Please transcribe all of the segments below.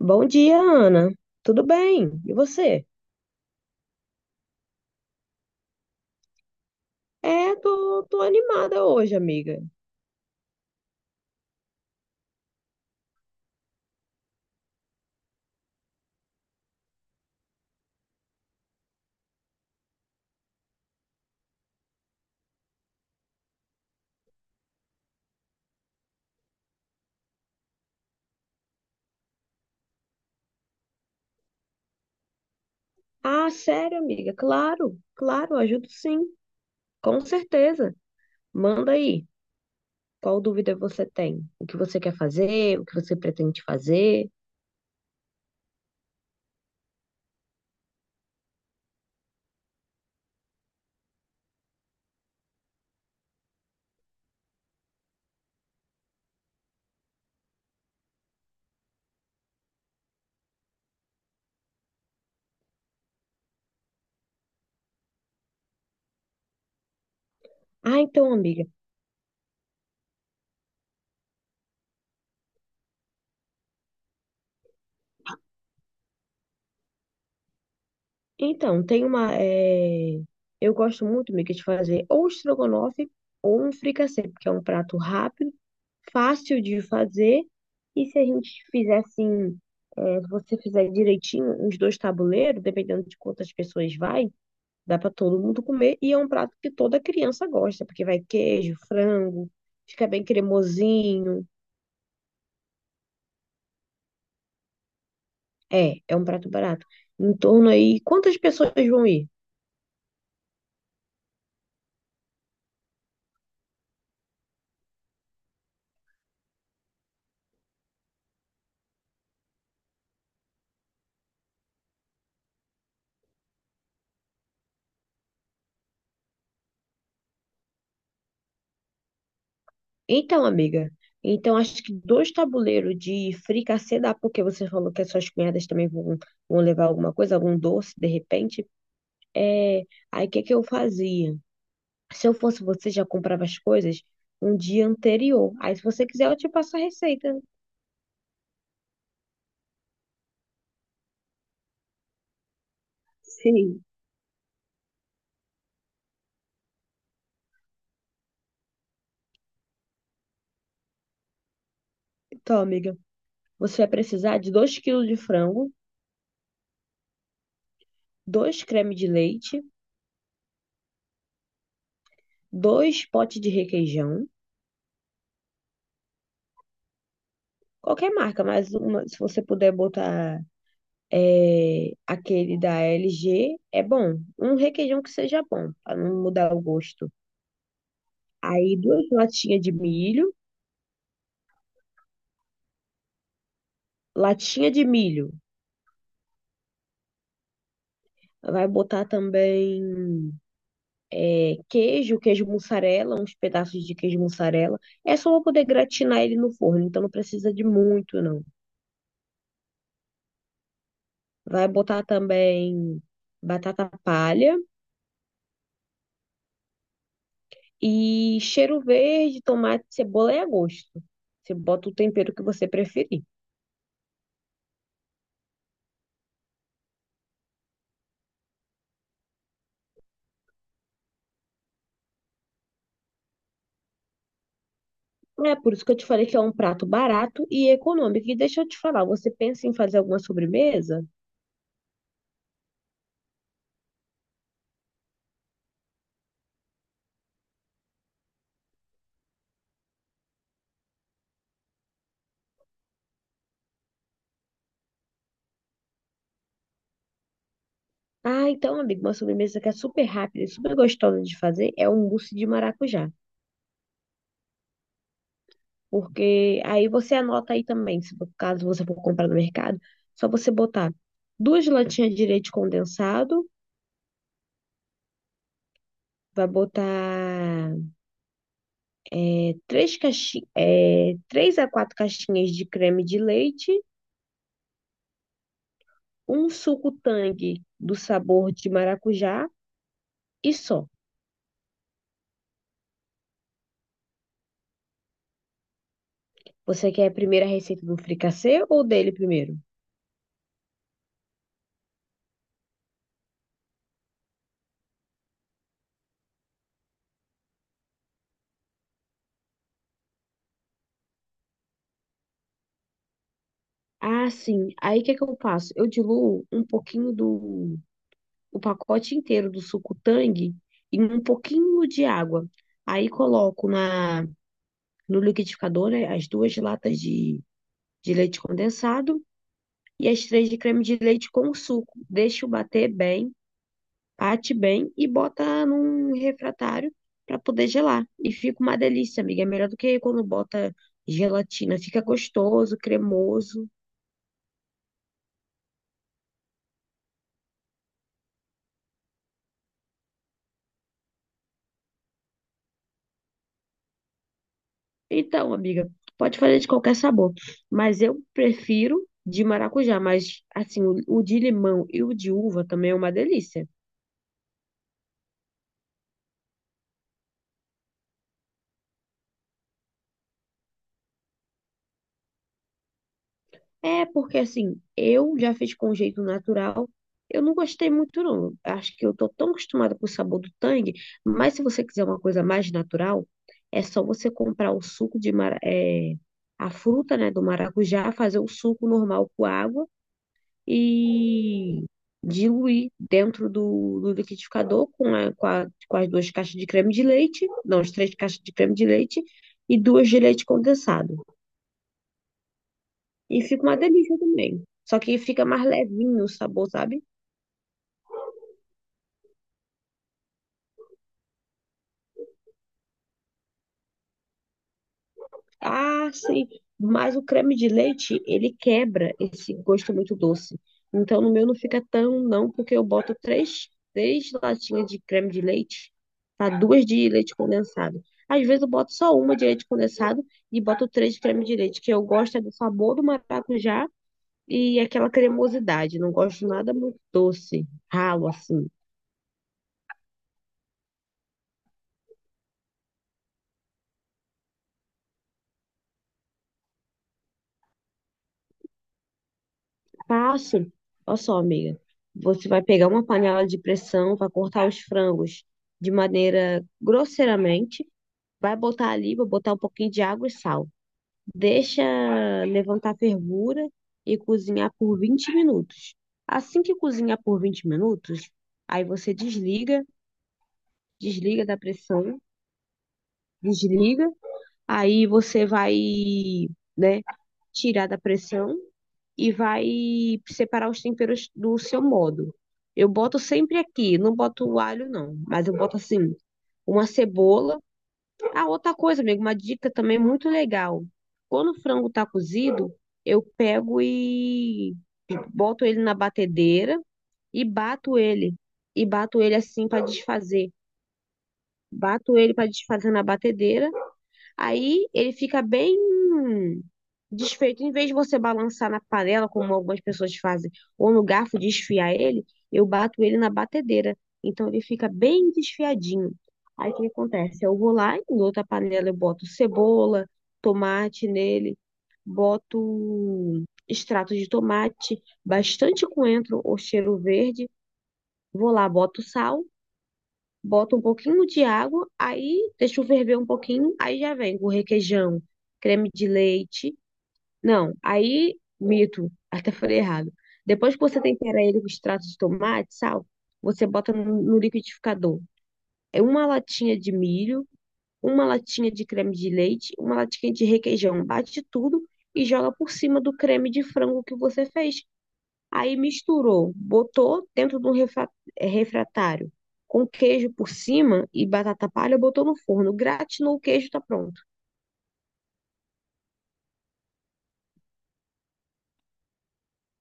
Bom dia, Ana. Tudo bem? E você? Tô animada hoje, amiga. Ah, sério, amiga? Claro, ajudo sim, com certeza. Manda aí. Qual dúvida você tem? O que você quer fazer? O que você pretende fazer? Ah, então, amiga. Então, tem uma. Eu gosto muito, Mica, de fazer ou estrogonofe ou um fricassê, porque é um prato rápido, fácil de fazer. E se a gente fizer assim, se você fizer direitinho, uns dois tabuleiros, dependendo de quantas pessoas vai, dá para todo mundo comer. E é um prato que toda criança gosta, porque vai queijo, frango, fica bem cremosinho. É um prato barato. Em torno aí, quantas pessoas vão ir? Então, amiga, então acho que dois tabuleiros de fricassê dá, porque você falou que as suas cunhadas também vão, vão levar alguma coisa, algum doce, de repente. É, aí o que é que eu fazia? Se eu fosse você, já comprava as coisas um dia anterior. Aí, se você quiser, eu te passo a receita. Sim. Então, amiga, você vai precisar de 2 quilos de frango, dois creme de leite, dois potes de requeijão, qualquer marca, mas uma, se você puder botar. É, aquele da LG é bom. Um requeijão que seja bom, para não mudar o gosto. Aí duas latinhas de milho, latinha de milho. Vai botar também queijo, queijo mussarela, uns pedaços de queijo mussarela. É só pra poder gratinar ele no forno, então não precisa de muito, não. Vai botar também batata palha e cheiro verde, tomate, cebola é a gosto. Você bota o tempero que você preferir. É por isso que eu te falei que é um prato barato e econômico. E deixa eu te falar, você pensa em fazer alguma sobremesa? Ah, então, amigo, uma sobremesa que é super rápida e super gostosa de fazer é um mousse de maracujá. Porque aí você anota aí também, se por caso você for comprar no mercado, só você botar duas latinhas de leite condensado, vai botar três a quatro caixinhas de creme de leite, um suco Tang do sabor de maracujá e só. Você quer primeiro a receita do fricassê ou dele primeiro? Ah, sim. Aí o que que eu faço? Eu diluo um pouquinho do o pacote inteiro do suco Tang em um pouquinho de água. Aí coloco na no liquidificador, né, as duas latas de leite condensado e as três de creme de leite com o suco. Deixo bater bem. Bate bem e bota num refratário para poder gelar. E fica uma delícia, amiga. É melhor do que quando bota gelatina. Fica gostoso, cremoso. Então, amiga, pode fazer de qualquer sabor. Mas eu prefiro de maracujá. Mas, assim, o de limão e o de uva também é uma delícia. É, porque assim, eu já fiz com jeito natural. Eu não gostei muito, não. Acho que eu tô tão acostumada com o sabor do tangue, mas se você quiser uma coisa mais natural, é só você comprar o suco de mara, é, a fruta, né, do maracujá, fazer o suco normal com água e diluir dentro do, do liquidificador com as duas caixas de creme de leite, não, as três caixas de creme de leite e duas de leite condensado. E fica uma delícia também. Só que fica mais levinho o sabor, sabe? Ah, sim. Mas o creme de leite, ele quebra esse gosto muito doce. Então, no meu não fica tão, não, porque eu boto três latinhas de creme de leite, tá? Duas de leite condensado. Às vezes eu boto só uma de leite condensado e boto três de creme de leite, que eu gosto é do sabor do maracujá e aquela cremosidade. Não gosto nada muito doce, ralo assim. Passo, olha só, amiga. Você vai pegar uma panela de pressão, vai cortar os frangos de maneira grosseiramente, vai botar ali, vai botar um pouquinho de água e sal. Deixa levantar a fervura e cozinhar por 20 minutos. Assim que cozinhar por 20 minutos, aí você desliga, desliga da pressão, desliga, aí você vai, né, tirar da pressão e vai separar os temperos do seu modo. Eu boto sempre aqui, não boto o alho não, mas eu boto assim, uma cebola. Ah, outra coisa, amigo, uma dica também muito legal. Quando o frango tá cozido, eu pego e boto ele na batedeira e bato ele. E bato ele assim para desfazer. Bato ele para desfazer na batedeira. Aí ele fica bem desfeito. Em vez de você balançar na panela, como algumas pessoas fazem, ou no garfo desfiar ele, eu bato ele na batedeira. Então ele fica bem desfiadinho. Aí o que acontece? Eu vou lá, em outra panela eu boto cebola, tomate nele, boto extrato de tomate, bastante coentro ou cheiro verde. Vou lá, boto sal. Bota um pouquinho de água, aí deixa ferver um pouquinho, aí já vem o requeijão, creme de leite. Não, aí, mito, até falei errado. Depois que você tempera ele com extrato de tomate, sal, você bota no liquidificador. É uma latinha de milho, uma latinha de creme de leite, uma latinha de requeijão. Bate tudo e joga por cima do creme de frango que você fez. Aí misturou, botou dentro do refratário com queijo por cima e batata palha, botou no forno, gratinou o queijo, tá pronto.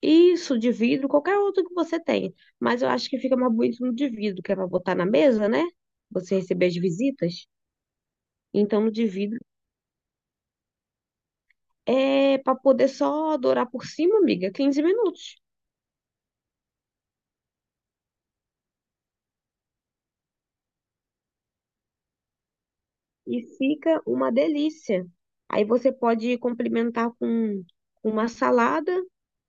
Isso de vidro, qualquer outro que você tenha, mas eu acho que fica mais bonito no de vidro, que é para botar na mesa, né? Você receber as visitas. Então, no de vidro é para poder só dourar por cima, amiga, 15 minutos. E fica uma delícia. Aí você pode complementar com uma salada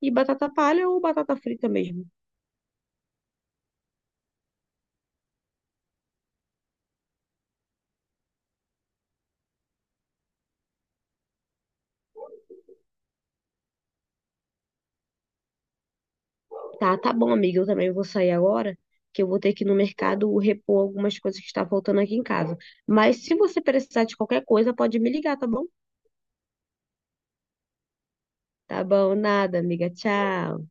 e batata palha ou batata frita mesmo. Tá, tá bom, amiga. Eu também vou sair agora, que eu vou ter que ir no mercado repor algumas coisas que está faltando aqui em casa. Mas se você precisar de qualquer coisa, pode me ligar, tá bom? Tá bom, nada, amiga. Tchau.